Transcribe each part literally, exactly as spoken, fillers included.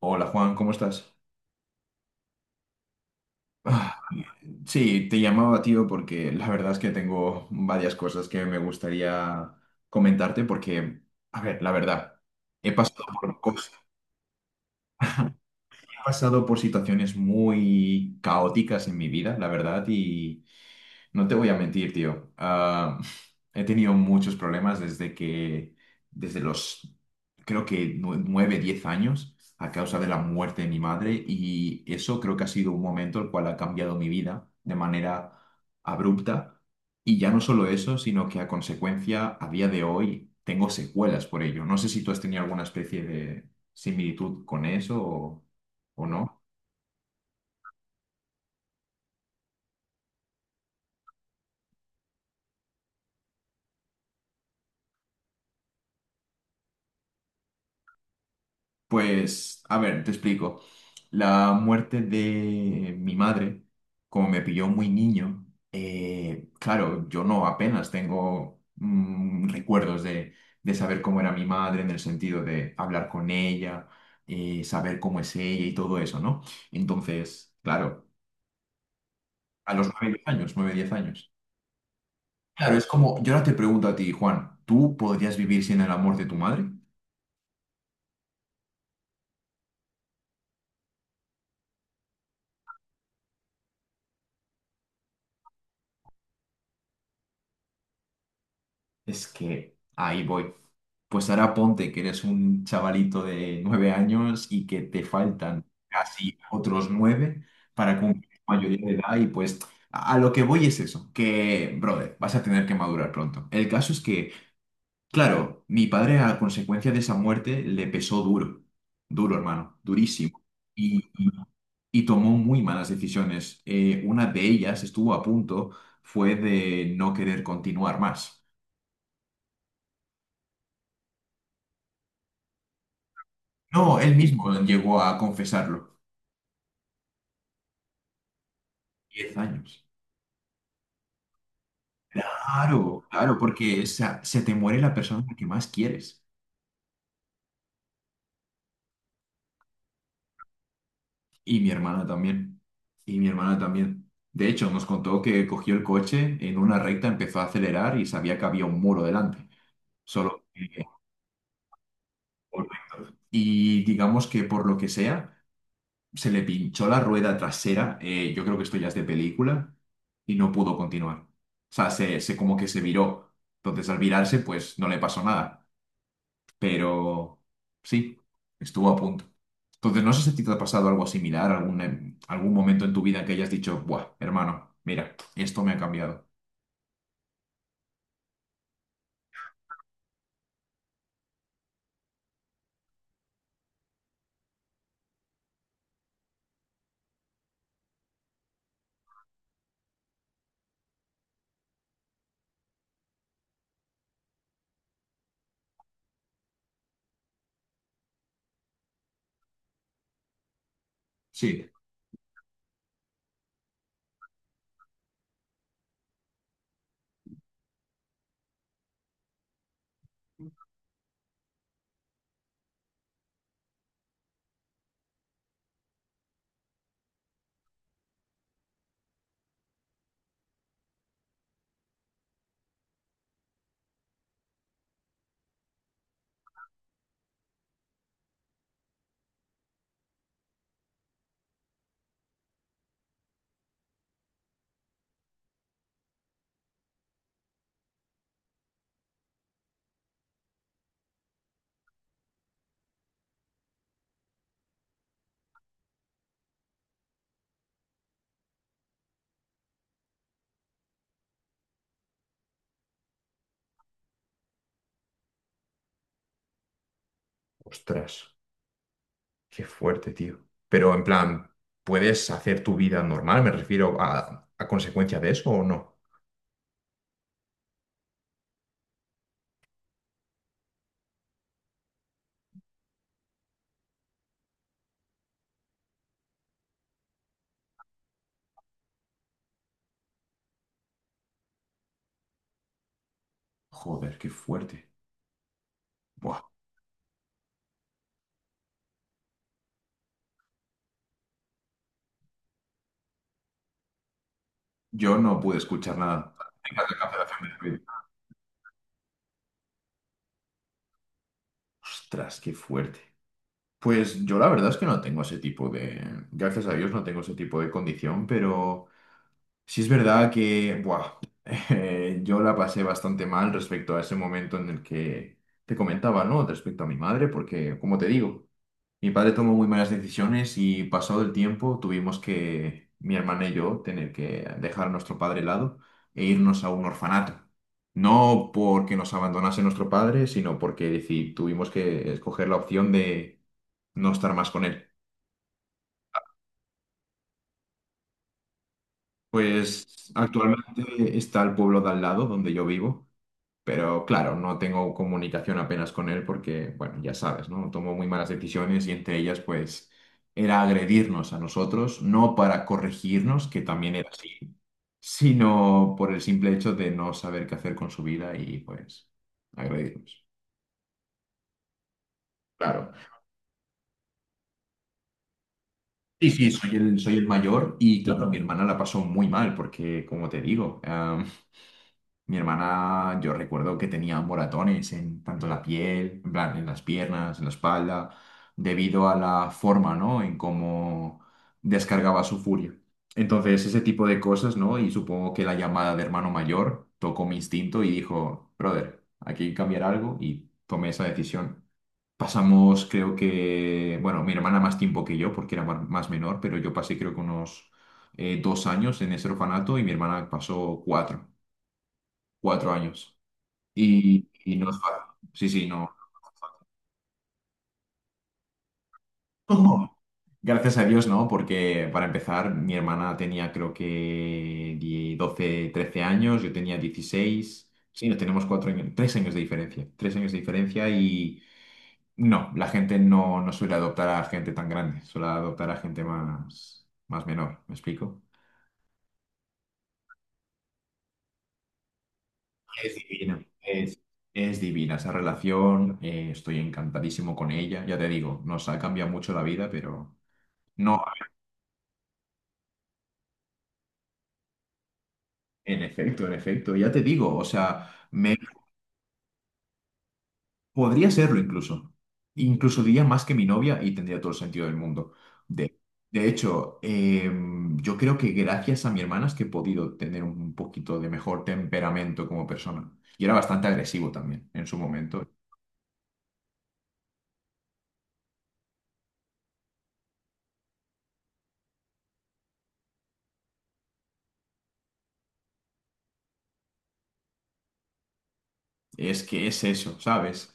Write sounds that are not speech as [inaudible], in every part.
Hola Juan, ¿cómo estás? Ah, sí, te llamaba tío porque la verdad es que tengo varias cosas que me gustaría comentarte porque, a ver, la verdad, he pasado por cosas, he pasado por situaciones muy caóticas en mi vida, la verdad, y no te voy a mentir, tío. Ah, he tenido muchos problemas desde que, desde los, creo que nue- nueve, diez años, a causa de la muerte de mi madre, y eso creo que ha sido un momento el cual ha cambiado mi vida de manera abrupta. Y ya no solo eso, sino que a consecuencia, a día de hoy, tengo secuelas por ello. No sé si tú has tenido alguna especie de similitud con eso o, o no. Pues, a ver, te explico. La muerte de mi madre, como me pilló muy niño, eh, claro, yo no apenas tengo mm, recuerdos de, de saber cómo era mi madre en el sentido de hablar con ella, eh, saber cómo es ella y todo eso, ¿no? Entonces, claro, a los nueve diez años, nueve diez años. Claro, es como, yo ahora te pregunto a ti, Juan, ¿tú podrías vivir sin el amor de tu madre? Es que ahí voy. Pues ahora ponte que eres un chavalito de nueve años y que te faltan casi otros nueve para cumplir la mayoría de edad y pues a a lo que voy es eso, que, brother, vas a tener que madurar pronto. El caso es que, claro, mi padre a consecuencia de esa muerte le pesó duro, duro hermano, durísimo. Y, y- y tomó muy malas decisiones. Eh, una de ellas estuvo a punto, fue de no querer continuar más. No, él mismo llegó a confesarlo. Diez años. Claro, claro, porque se, se te muere la persona que más quieres. Y mi hermana también. Y mi hermana también. De hecho, nos contó que cogió el coche, en una recta empezó a acelerar y sabía que había un muro delante. Solo que- Y digamos que por lo que sea, se le pinchó la rueda trasera. Eh, yo creo que esto ya es de película. Y no pudo continuar. O sea, se, se como que se viró. Entonces, al virarse, pues no le pasó nada, pero sí, estuvo a punto. Entonces, no sé si a ti te ha pasado algo similar, algún, em, algún momento en tu vida que hayas dicho, buah, hermano, mira, esto me ha cambiado. Sí. Ostras, qué fuerte, tío. Pero en plan, ¿puedes hacer tu vida normal? Me refiero a, a consecuencia de eso o no. Joder, qué fuerte. Buah, yo no pude escuchar nada. Venga, la cancelación del ruido. Ostras, qué fuerte. Pues yo la verdad es que no tengo ese tipo de... Gracias a Dios no tengo ese tipo de condición, pero... Sí es verdad que, buah, [laughs] eh, yo la pasé bastante mal respecto a ese momento en el que te comentaba, ¿no? Respecto a mi madre, porque, como te digo, mi padre tomó muy malas decisiones y pasado el tiempo tuvimos que, mi hermana y yo, tener que dejar a nuestro padre de lado e irnos a un orfanato. No porque nos abandonase nuestro padre, sino porque deci- tuvimos que escoger la opción de no estar más con él. Pues actualmente está el pueblo de al lado donde yo vivo. Pero claro, no tengo comunicación apenas con él porque, bueno, ya sabes, ¿no? Tomó muy malas decisiones y entre ellas, pues, era agredirnos a nosotros, no para corregirnos, que también era así, sino por el simple hecho de no saber qué hacer con su vida y, pues, agredirnos. Claro. Sí, sí, soy el, soy el mayor y, claro, mi hermana la pasó muy mal porque, como te digo, mi hermana, yo recuerdo que tenía moratones en tanto la piel, en plan, en las piernas, en la espalda, debido a la forma, ¿no? En cómo descargaba su furia. Entonces, ese tipo de cosas, ¿no? Y supongo que la llamada de hermano mayor tocó mi instinto y dijo, brother, aquí hay que cambiar algo y tomé esa decisión. Pasamos, creo que, bueno, mi hermana más tiempo que yo, porque era ma- más menor, pero yo pasé creo que unos eh, dos años en ese orfanato y mi hermana pasó cuatro, cuatro años. Y, y no es fácil. Sí, sí, no. [laughs] Gracias a Dios, ¿no? Porque para empezar, mi hermana tenía creo que die- doce, trece años, yo tenía dieciséis. Sí, nos tenemos cuatro años, tres años de diferencia. Tres años de diferencia y no, la gente no, no suele adoptar a gente tan grande, suele adoptar a gente más, más menor, ¿me explico? Es divina, es, es divina esa relación, eh, estoy encantadísimo con ella, ya te digo, nos ha cambiado mucho la vida, pero... No. En efecto, en efecto, ya te digo, o sea, me podría serlo incluso. Incluso diría más que mi novia y tendría todo el sentido del mundo. De, de hecho, em, yo creo que gracias a mi hermana es que he podido tener un poquito de mejor temperamento como persona. Y era bastante agresivo también en su momento. Es que es eso, ¿sabes?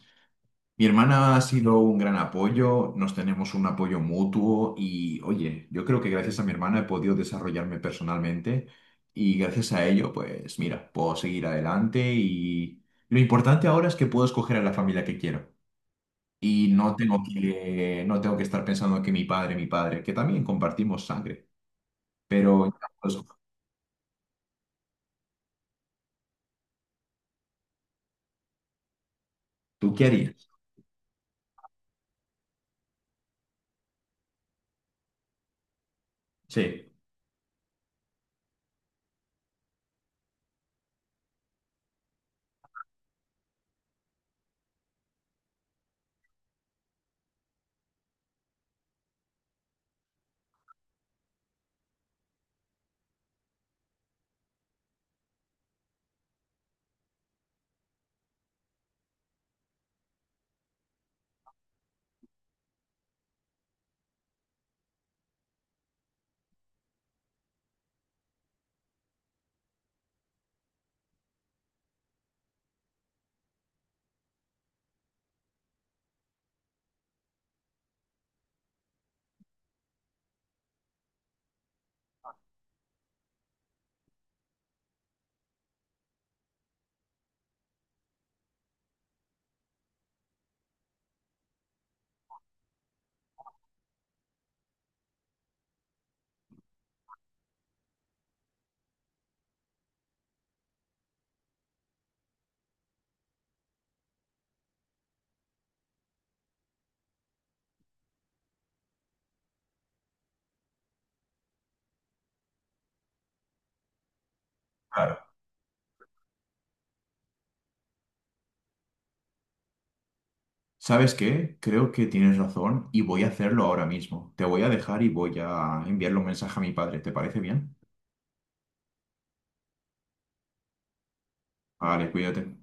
Mi hermana ha sido un gran apoyo, nos tenemos un apoyo mutuo y, oye, yo creo que gracias a mi hermana he podido desarrollarme personalmente y gracias a ello, pues mira, puedo seguir adelante y lo importante ahora es que puedo escoger a la familia que quiero y no tengo que, no tengo que estar pensando que mi padre, mi padre, que también compartimos sangre, pero ya, pues, ¿tú qué harías? Sí, claro. ¿Sabes qué? Creo que tienes razón y voy a hacerlo ahora mismo. Te voy a dejar y voy a enviarle un mensaje a mi padre. ¿Te parece bien? Vale, cuídate.